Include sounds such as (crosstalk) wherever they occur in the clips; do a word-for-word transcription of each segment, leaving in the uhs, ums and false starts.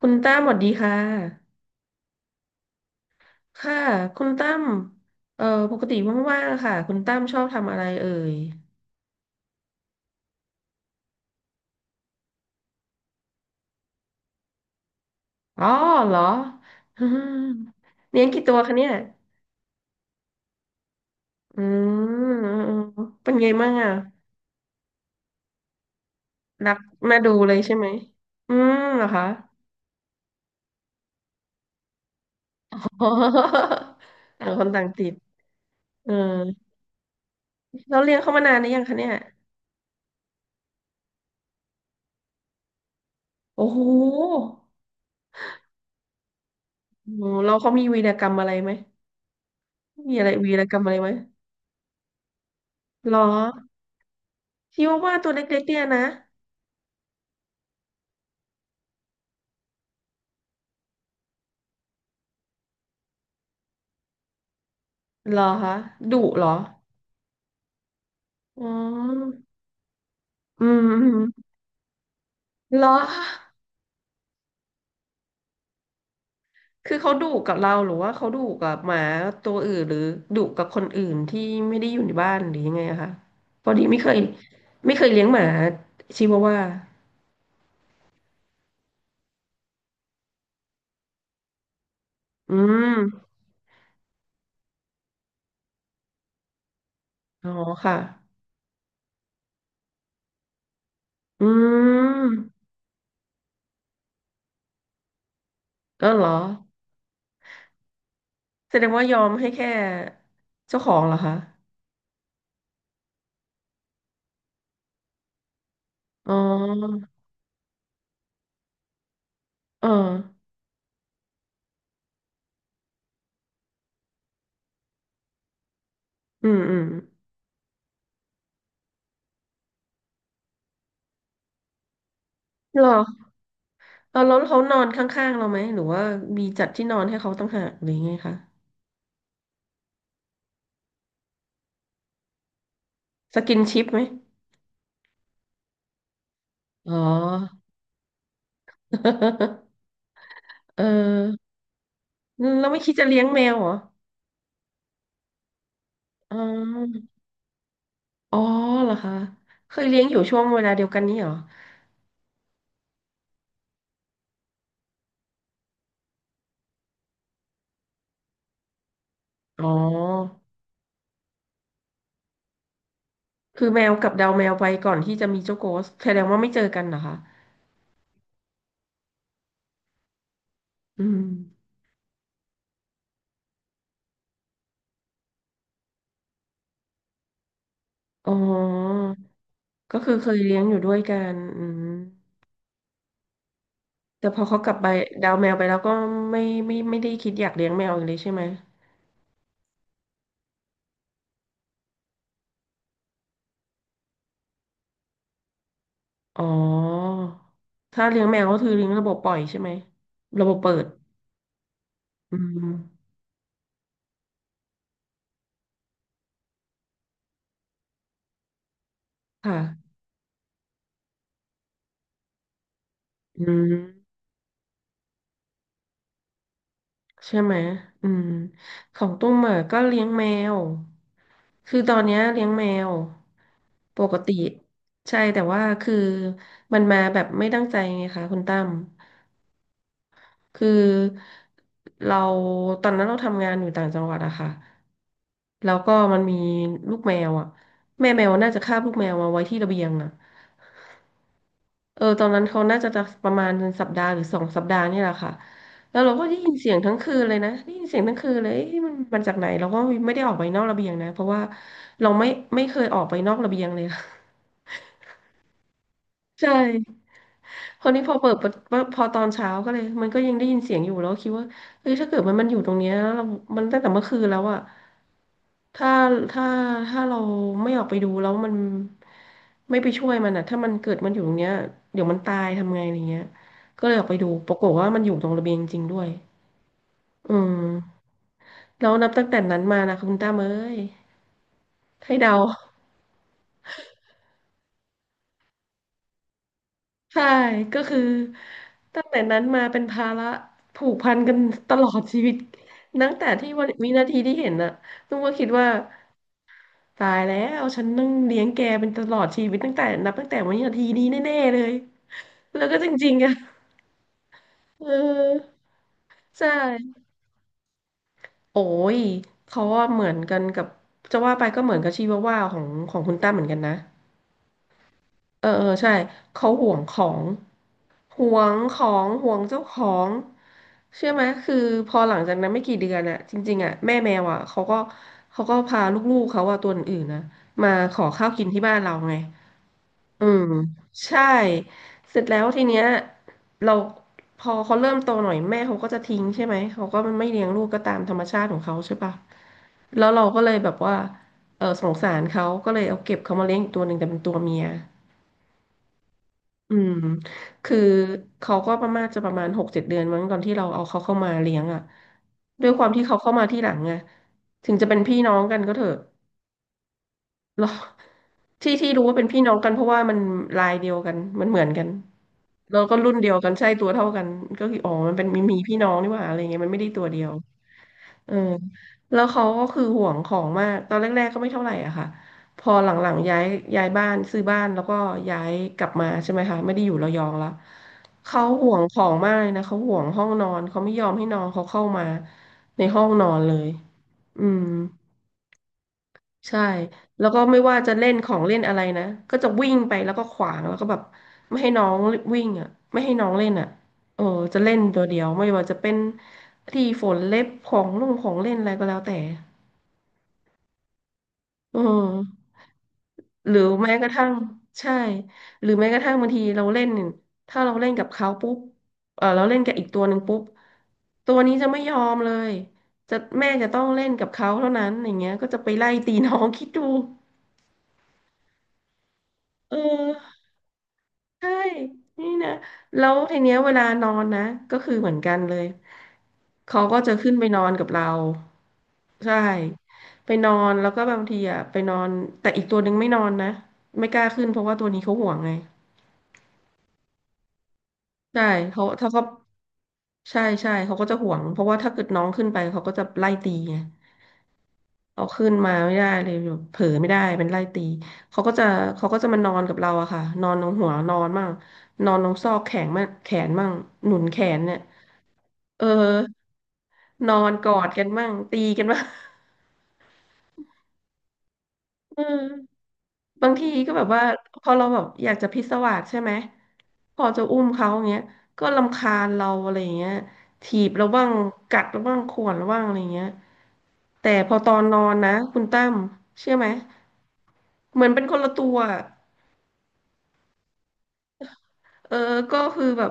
คุณตั้มสวัสดีค่ะค่ะ คุณตั้มเอ่อปกติว่างๆะค่ะคุณตั้มชอบทำอะไรเอ่ยอ๋อเหรออืม (laughs) เลี้ยงกี่ตัวคะเนี่ยอืมเป็นไงบ้างอ่ะรักมาดูเลยใช่ไหมอืมเหรอคะอ๋ (laughs) อต่างคนต่างติดเออเราเลี้ยงเขามานานหรือยังคะเนี่ยโอ้โหโอ้โหเราเขามีวีรกรรมอะไรไหมมีอะไรวีรกรรมอะไรไหมเหรอชิวาว่าตัวเล็กๆเนี่ยนะ เหรอคะดุเหรออ๋ออืมอืมเหรอคือเขาดุกับเราหรือว่าเขาดุกับหมาตัวอื่นหรือดุกับคนอื่นที่ไม่ได้อยู่ในบ้านหรือยังไงอะคะพอดีไม่เคยไม่เคยเลี้ยงหมาชิวาว่าอืมอ๋อค่ะอืมก็เหรอแสดงว่ายอมให้แค่เจ้าของเหรอคะอ๋อเอออืมอืมเหรอ เอาแล้วเขานอนข้างๆเราไหมหรือว่ามีจัดที่นอนให้เขาต่างหากหรือไงคะสกินชิปไหมอ๋อ (laughs) เออเราไม่คิดจะเลี้ยงแมวเหรออ๋ออ๋อเหรอคะเคยเลี้ยงอยู่ช่วงเวลาเดียวกันนี้เหรออ๋อคือแมวกับดาวแมวไปก่อนที่จะมีเจ้าโกสแสดงว่าไม่เจอกันเหรอคะอืมอ๋อก็คือเคยเลี้ยงอยู่ด้วยกันอืมแต่พอเขากลับไปดาวแมวไปแล้วก็ไม่ไม่ไม่ได้คิดอยากเลี้ยงแมวอีกเลยใช่ไหม อ๋อถ้าเลี้ยงแมวก็คือเลี้ยงระบบปล่อยใช่ไหมระบบเปิดอืมค่ะอืมใช่ไหมอืมของตุ้มอ่ะก็เลี้ยงแมวคือตอนเนี้ยเลี้ยงแมวปกติใช่แต่ว่าคือมันมาแบบไม่ตั้งใจไงคะคุณตั้มคือเราตอนนั้นเราทำงานอยู่ต่างจังหวัดอะค่ะแล้วก็มันมีลูกแมวอะแม่แมวน่าจะคาบลูกแมวมาไว้ที่ระเบียงอะ เออตอนนั้นเขาน่าจะจะประมาณสัปดาห์หรือสองสัปดาห์นี่แหละค่ะแล้วเราก็ได้ยินเสียงทั้งคืนเลยนะได้ยินเสียงทั้งคืนเลยเอ๊ะมันมันจากไหนเราก็ไม่ได้ออกไปนอกระเบียงนะเพราะว่าเราไม่ไม่เคยออกไปนอกระเบียงเลย (laughs) ใช่ คราวนี้พอเปิดประพอตอนเช้าก็เลยมันก็ยังได้ยินเสียงอยู่แล้วคิดว่าเฮ้ยถ้าเกิดมันมันอยู่ตรงเนี้ยเรามันตั้งแต่เมื่อคืนแล้วอะถ้าถ้าถ้าเราไม่ออกไปดูแล้วมันไม่ไปช่วยมันอะถ้ามันเกิดมันอยู่ตรงเนี้ยเดี๋ยวมันตายทำไงอะไรเงี้ยก็เลยออกไปดูปรากฏว่ามันอยู่ตรงระเบียงจริงๆด้วยอืมแล้วนับตั้งแต่นั้นมานะคุณตามเอ้ยให้เดา ใช่ก็คือตั้งแต่นั้นมาเป็นภาระผูกพันกันตลอดชีวิตตั้งแต่ที่วันวินาทีที่เห็นน่ะนุ้งก็คิดว่าตายแล้วฉันต้องเลี้ยงแกเป็นตลอดชีวิตตั้งแต่นับตั้งแต่วินาทีนี้แน่ๆเลยแล้วก็จริงๆอะเออใช่โอ้ยเขาว่าเหมือนกันกับจะว่าไปก็เหมือนกับชีวาว่าของของคุณตั้มเหมือนกันนะเออเออใช่เขาห่วงของ หวงของห่วงเจ้าของเชื่อไหมคือพอหลังจากนั้นไม่กี่เดือนอะจริงๆอะแม่แมวอะเขาก็เขาก็พาลูกๆเขาอะตัวอื่นๆนะมาขอข้าวกินที่บ้านเราไงอืมใช่เสร็จแล้วทีเนี้ยเราพอเขาเริ่มโตหน่อยแม่เขาก็จะทิ้งใช่ไหมเขาก็ไม่เลี้ยงลูกก็ตามธรรมชาติของเขาใช่ปะแล้วเราก็เลยแบบว่าเออสงสารเขาก็เลยเอาเก็บเขามาเลี้ยงอีกตัวหนึ่งแต่เป็นตัวเมีย อืมคือเขาก็ประมาณจะประมาณหกเจ็ดเดือนมั้งตอนที่เราเอาเขาเข้ามาเลี้ยงอ่ะด้วยความที่เขาเข้ามาที่หลังไงถึงจะเป็นพี่น้องกันก็เถอะเราที่ที่รู้ว่าเป็นพี่น้องกันเพราะว่ามันลายเดียวกันมันเหมือนกันแล้วก็รุ่นเดียวกันใช่ตัวเท่ากันก็คืออ๋อมันเป็นมีมีพี่น้องนี่หว่าอะไรเงี้ยมันไม่ได้ตัวเดียว เออแล้วเขาก็คือห่วงของมากตอนแรกๆก็ไม่เท่าไหร่อะค่ะพอหลังๆย้ายย้ายบ้านซื้อบ้านแล้วก็ย้ายกลับมาใช่ไหมคะไม่ได้อยู่ระยองละเขาห่วงของมากเลยนะเขาห่วงห้องนอนเขาไม่ยอมให้น้องเขาเข้ามาในห้องนอนเลยอืม ใช่แล้วก็ไม่ว่าจะเล่นของเล่นอะไรนะก็จะวิ่งไปแล้วก็ขวางแล้วก็แบบไม่ให้น้องวิ่งอ่ะไม่ให้น้องเล่นอ่ะเออจะเล่นตัวเดียวไม่ว่าจะเป็นที่ฝนเล็บของลุงของเล่นอะไรก็แล้วแต่เออหรือแม้กระทั่งใช่หรือแม้กระทั่งบางทีเราเล่นถ้าเราเล่นกับเขาปุ๊บเออเราเล่นกับอีกตัวหนึ่งปุ๊บตัวนี้จะไม่ยอมเลยจะแม่จะต้องเล่นกับเขาเท่านั้นอย่างเงี้ยก็จะไปไล่ตีน้อง (laughs) คิดดูเออ ใช่นี่นะแล้วทีเนี้ยเวลานอนนะก็คือเหมือนกันเลยเขาก็จะขึ้นไปนอนกับเราใช่ไปนอนแล้วก็บางทีอ่ะไปนอนแต่อีกตัวหนึ่งไม่นอนนะไม่กล้าขึ้นเพราะว่าตัวนี้เขาห่วงไงใช่เขาถ้าเขาใช่ใช่เขาก็จะห่วงเพราะว่าถ้าเกิดน้องขึ้นไปเขาก็จะไล่ตีไงเอาขึ้นมาไม่ได้เลยแบบเผลอไม่ได้เป็นไล่ตีเขาก็จะเขาก็จะมานอนกับเราอะค่ะนอนตรงหัวนอนมั่งนอนตรงซอกแขนมั่งแขนมั่งหนุนแขนเนี่ย เออ นอนกอดกันบ้างตีกันบ้างเออบางทีก็แบบว่า พอเราแบบอยากจะพิศวาสใช่ไหม พอจะอุ้มเขาอย่างเงี้ยก็รำคาญเราอะไรอย่างเงี้ยถีบเราบ้าง กัดเราบ้างข่วนเราบ้างอะไรอย่างเงี้ยแต่พอตอนนอนนะคุณตั้มเชื่อไหม เหมือนเป็นคนละตัว เออก็คือแบบ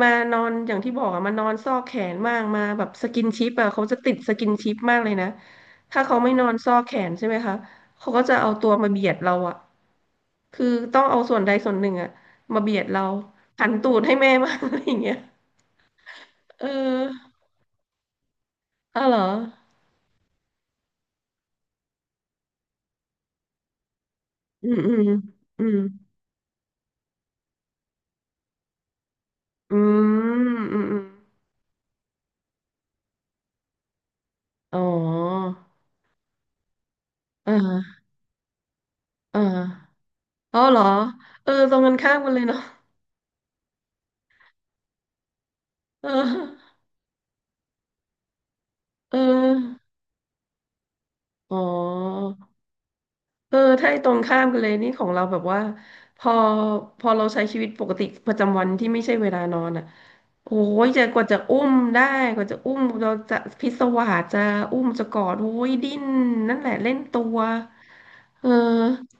มานอนอย่างที่บอกอะมานอนซอกแขนมากมาแบบสกินชิปอะเขาจะติดสกินชิปมากเลยนะถ้าเขาไม่นอนซอกแขนใช่ไหมคะเขาก็จะเอาตัวมาเบียดเราอะคือต้องเอาส่วนใดส่วนหนึ่งอะมาเบียดเราหันตูดให้แม่มางอะไรอย่างเงี้ยเอออ้าวเหรออืมอืมอืมอืมอืมอืมอ๋ออ่าอ่าอ๋อเหรอเออตรงกันข้ามกันเลยเนาะเออเอออ๋อ เออถ้าไอ้ตรงข้ามกันเลยนี่ของเราแบบว่าพอพอเราใช้ชีวิตปกติประจำวันที่ไม่ใช่เวลานอนอ่ะโอ้ยจะกว่าจะอุ้มได้กว่าจะอุ้มเราจะพิศวาสจะอุ้มจะกอดโอ้ยดิ้นนั่นแหละเล่นตัวเออ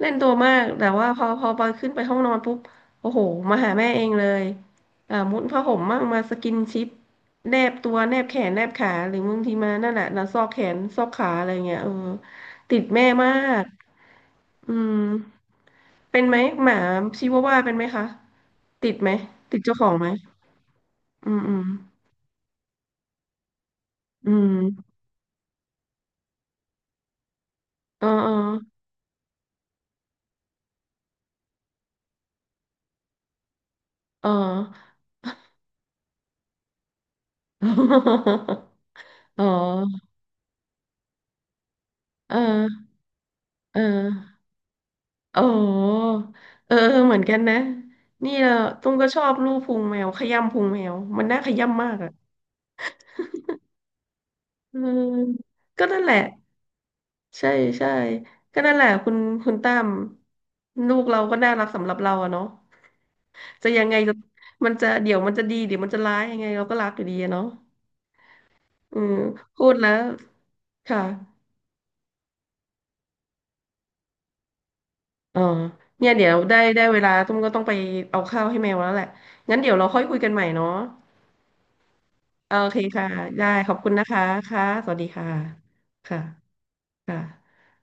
เล่นตัวมากแต่ว่าพอพอไปขึ้นไปห้องนอนปุ๊บโอ้โหมาหาแม่เองเลยอ่ามุดผ้าห่มมั่งมาสกินชิปแนบตัวแนบแขนแนบขาหรือบางทีมานั่นแหละนะซอกแขนซอกขาอะไรเงี้ยเออติดแม่มากอืม เป็นไหมหมาชิวาว่าเป็นไหมคะติดไหมติดเจ้าของไหมอืมอืมอืมเออเออเออ (laughs) อ๋อเออเออโอ้เออเออเหมือนกันนะนี่เราตุ้มก็ชอบลูบพุงแมวขย้ำพุงแมวมันน่าขย้ำมากอ่ะเออก็นั่นแหละ ใช่ใช่ก็นั่นแหละคุณคุณตั้มลูกเราก็น่ารักสำหรับเราอะเนาะจะยังไงจะมันจะเดี๋ยวมันจะดีเดี๋ยวมันจะร้ายยังไงเราก็รักอยู่ดีอะเนาะอืมพูดแล้วค่ะอ๋อเนี่ยเดี๋ยวได้ได้เวลาตุ้มก็ต้องไปเอาข้าวให้แมวแล้วแหละงั้นเดี๋ยวเราค่อยคุยกันใหม่เนาะโอเคค่ะได้ขอบคุณนะคะค่ะสวัสดีค่ะค่ะค่ะ